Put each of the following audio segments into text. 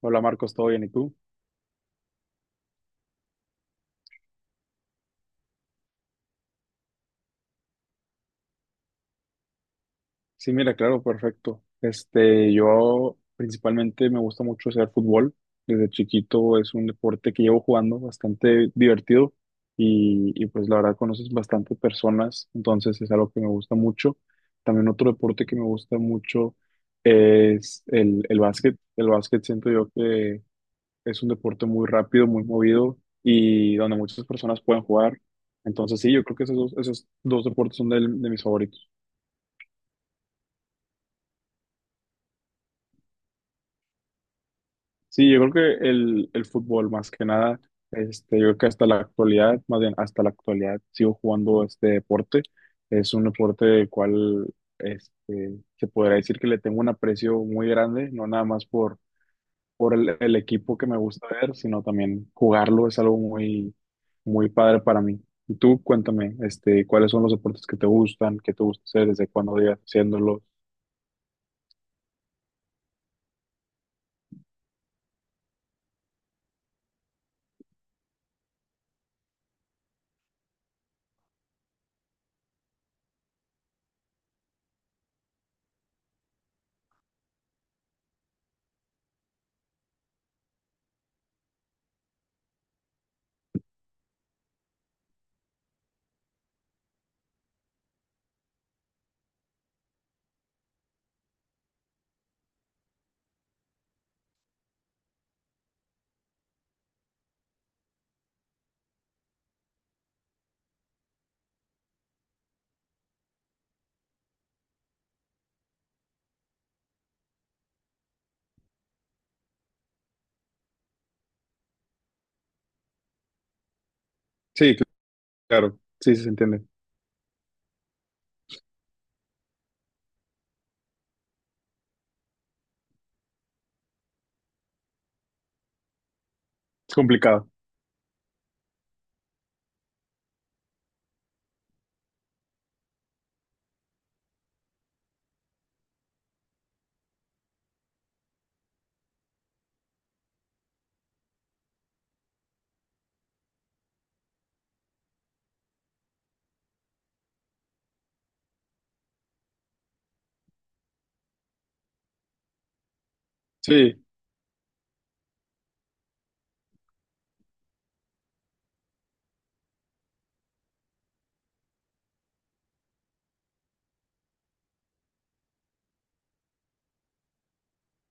Hola Marcos, ¿todo bien? ¿Y tú? Sí, mira, claro, perfecto. Yo principalmente me gusta mucho hacer fútbol. Desde chiquito es un deporte que llevo jugando bastante divertido y pues la verdad conoces bastantes personas, entonces es algo que me gusta mucho. También otro deporte que me gusta mucho es el básquet. El básquet siento yo que es un deporte muy rápido, muy movido y donde muchas personas pueden jugar. Entonces sí, yo creo que esos dos deportes son de mis favoritos. Sí, yo creo que el fútbol más que nada, yo creo que hasta la actualidad, más bien hasta la actualidad, sigo jugando este deporte. Es un deporte del cual se podría decir que le tengo un aprecio muy grande, no nada más por el equipo que me gusta ver, sino también jugarlo es algo muy padre para mí. Y tú, cuéntame, ¿cuáles son los deportes que te gustan, que te gusta hacer, desde cuándo llevas haciéndolos? Sí, claro, sí, sí se entiende. Es complicado. Sí,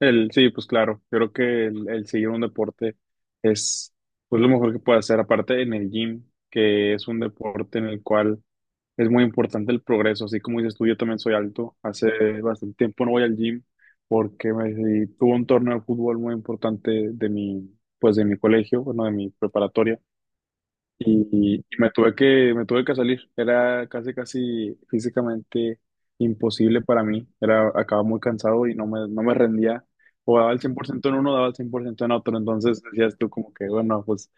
Pues claro, yo creo que el seguir un deporte es pues lo mejor que puede hacer, aparte en el gym, que es un deporte en el cual es muy importante el progreso, así como dices tú, yo también soy alto, hace bastante tiempo no voy al gym porque me, tuve un torneo de fútbol muy importante de mi, pues de mi colegio, bueno, de mi preparatoria y me tuve que salir. Era casi físicamente imposible para mí. Era, acababa muy cansado y no me rendía. O daba el 100% en uno, daba el 100% en otro. Entonces decías tú como que, bueno, pues,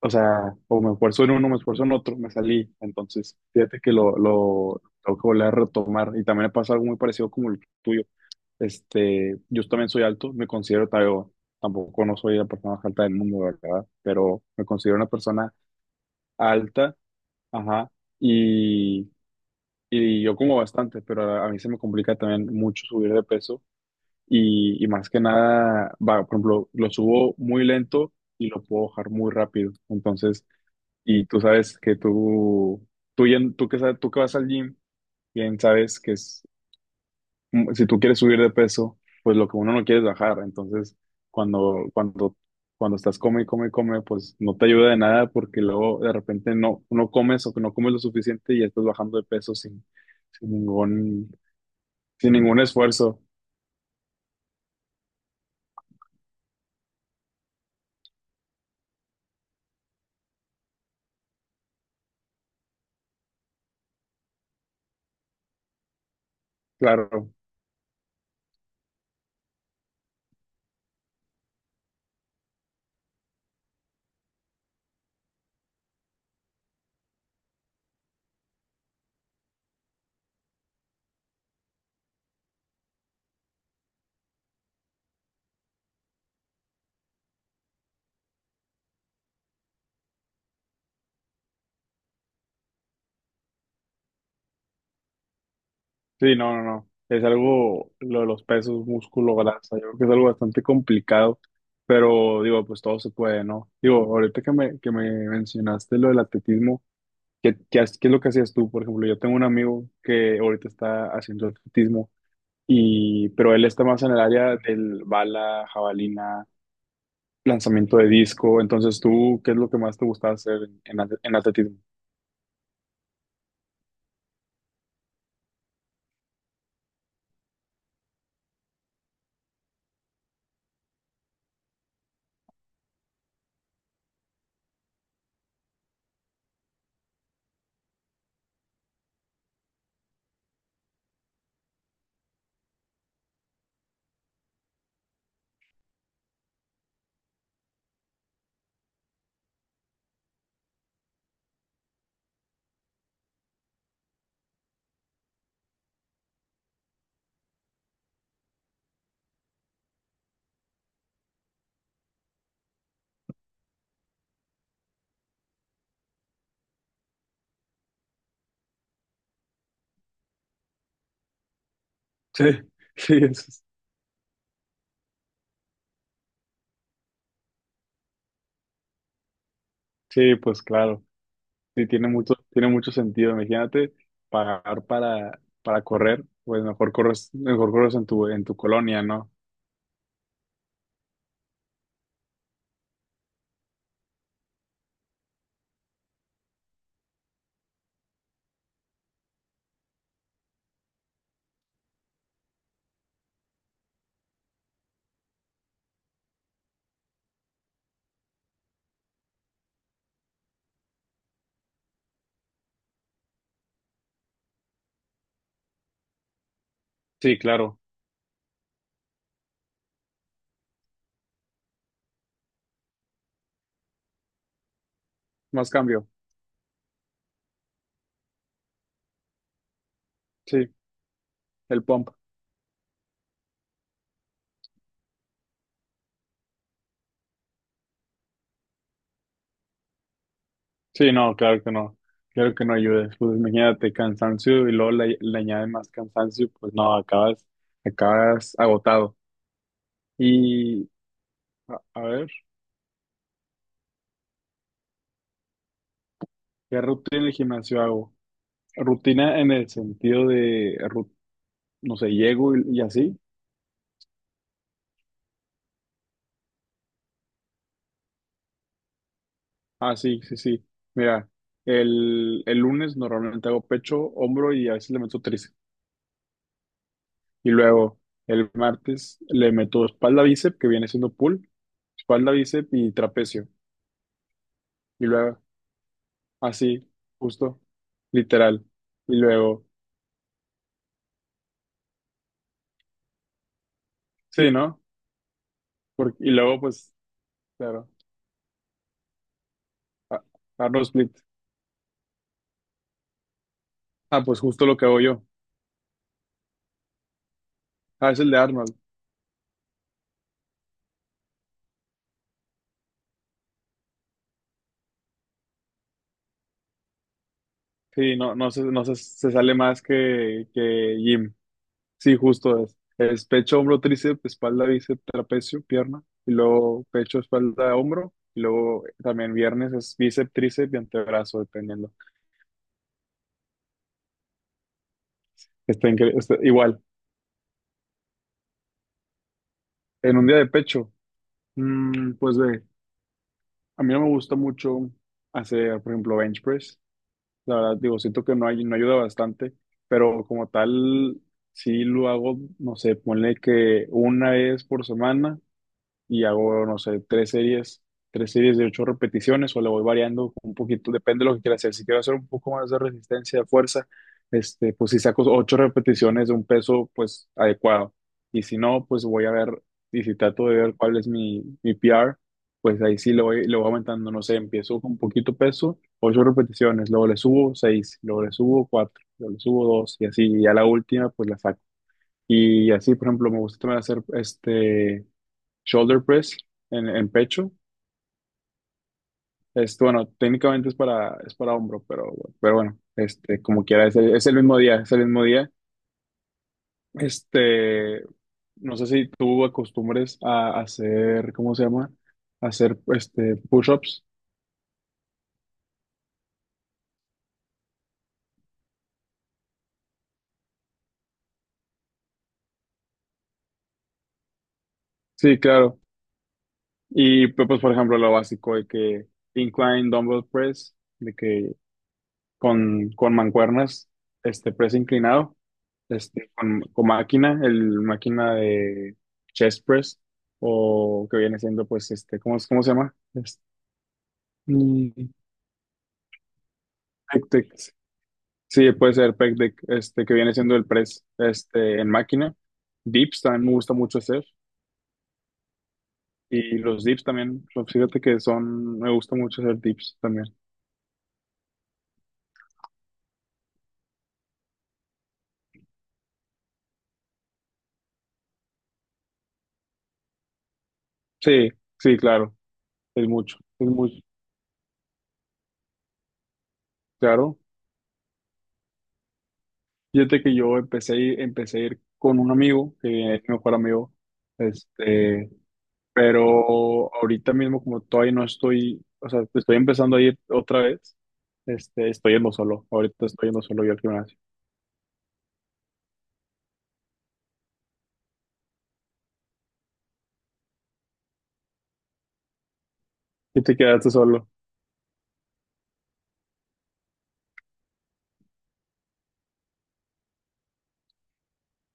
o sea, o me esfuerzo en uno, me esfuerzo en otro, me salí. Entonces, fíjate que lo tengo que volver a retomar. Y también me pasa algo muy parecido como el tuyo. Yo también soy alto, me considero, tampoco no soy la persona más alta del mundo, ¿verdad? Pero me considero una persona alta. Ajá. Y, y yo como bastante, pero a mí se me complica también mucho subir de peso y más que nada, va, por ejemplo, lo subo muy lento y lo puedo bajar muy rápido. Entonces, y tú sabes que tú que, tú que vas al gym, bien sabes que es, si tú quieres subir de peso, pues lo que uno no quiere es bajar. Entonces, cuando, cuando, cuando estás come, y come, y come, pues no te ayuda de nada porque luego de repente no comes o que no comes lo suficiente y ya estás bajando de peso sin ningún, sin ningún esfuerzo. Claro. Sí, no. Es algo, lo de los pesos, músculo, grasa, yo creo que es algo bastante complicado. Pero digo, pues todo se puede, ¿no? Digo, ahorita que que me mencionaste lo del atletismo, ¿Qué, qué es lo que hacías tú? Por ejemplo, yo tengo un amigo que ahorita está haciendo atletismo, y, pero él está más en el área del bala, jabalina, lanzamiento de disco. Entonces, ¿tú qué es lo que más te gusta hacer en, en atletismo? Sí, sí, sí, pues claro. Sí, tiene mucho sentido. Imagínate pagar para correr, pues mejor corres en tu colonia, ¿no? Sí, claro. Más cambio. Sí, el pump. Sí, no, claro que no. Claro que no ayudes. Pues imagínate cansancio y luego le añades más cansancio, pues no, acabas, acabas agotado. Y a ver, ¿qué rutina en el gimnasio hago? Rutina en el sentido de, no sé, llego y así. Ah, sí, sí, sí. Mira, el lunes normalmente hago pecho, hombro y a veces le meto tríceps. Y luego el martes le meto espalda bíceps, que viene siendo pull, espalda bíceps y trapecio. Y luego Así, justo, literal. Y luego, sí, ¿no? Porque, y luego, pues, claro, a- Arnold Split. Ah, pues justo lo que hago yo. Ah, es el de Arnold. Sí, no se, se sale más que Jim. Sí, justo es. Es pecho, hombro, tríceps, espalda, bíceps, trapecio, pierna. Y luego pecho, espalda, hombro. Y luego también viernes es bíceps, tríceps y antebrazo, dependiendo. Está, está igual. En un día de pecho, pues ve. A mí no me gusta mucho hacer, por ejemplo, bench press. La verdad, digo, siento que no, hay, no ayuda bastante, pero como tal, sí lo hago, no sé, ponle que una vez por semana y hago, no sé, tres series de ocho repeticiones o le voy variando un poquito, depende de lo que quiera hacer. Si quiero hacer un poco más de resistencia, de fuerza, pues si saco ocho repeticiones de un peso, pues adecuado. Y si no, pues voy a ver, y si trato de ver cuál es mi p r pues ahí sí le voy aumentando, no sé, empiezo con poquito peso, ocho repeticiones, luego le subo seis, luego le subo cuatro, luego le subo dos, y así, y a la última, pues la saco. Y así, por ejemplo, me gusta también hacer shoulder press en pecho. Es, bueno, técnicamente es para hombro, pero bueno, como quiera, es es el mismo día, es el mismo día. Este, no sé si tú acostumbres a hacer, ¿cómo se llama? A hacer, push-ups. Sí, claro. Y pues, por ejemplo, lo básico de que incline dumbbell press, de que con mancuernas, este press inclinado, con máquina, el máquina de chest press, o que viene siendo, pues, ¿cómo, cómo se llama? Mm, pec deck. Sí, puede ser pec deck, que viene siendo el press, en máquina. Dips también me gusta mucho hacer, y los dips también, pues, fíjate que son, me gusta mucho hacer dips también. Sí, sí, claro, es mucho, es muy claro. Fíjate que yo empecé, empecé a ir con un amigo, que es mi mejor amigo, este, pero ahorita mismo como todavía no estoy, o sea, estoy empezando a ir otra vez, estoy yendo solo, ahorita estoy yendo solo yo al gimnasio. Y te quedaste solo.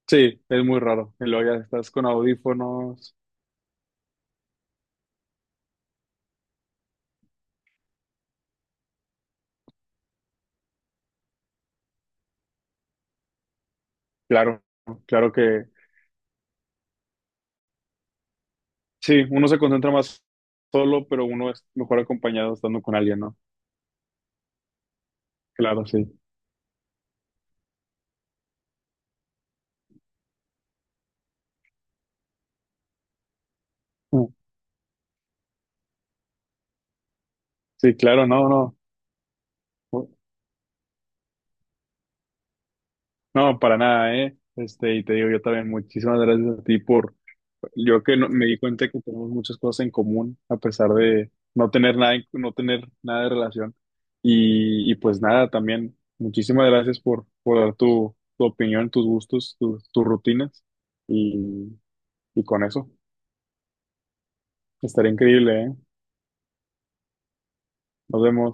Sí, es muy raro. Y luego ya estás con audífonos. Claro, claro que sí, uno se concentra más solo, pero uno es mejor acompañado estando con alguien, ¿no? Claro, sí. Mm. Sí, claro, no, no. No, para nada, ¿eh? Y te digo yo también, muchísimas gracias a ti por, yo que no- me di cuenta que tenemos muchas cosas en común, a pesar de no tener nada, no tener nada de relación. Y pues nada, también, muchísimas gracias por dar tu, tu opinión, tus gustos, tus rutinas. Y, y con eso, estaría increíble, ¿eh? Nos vemos.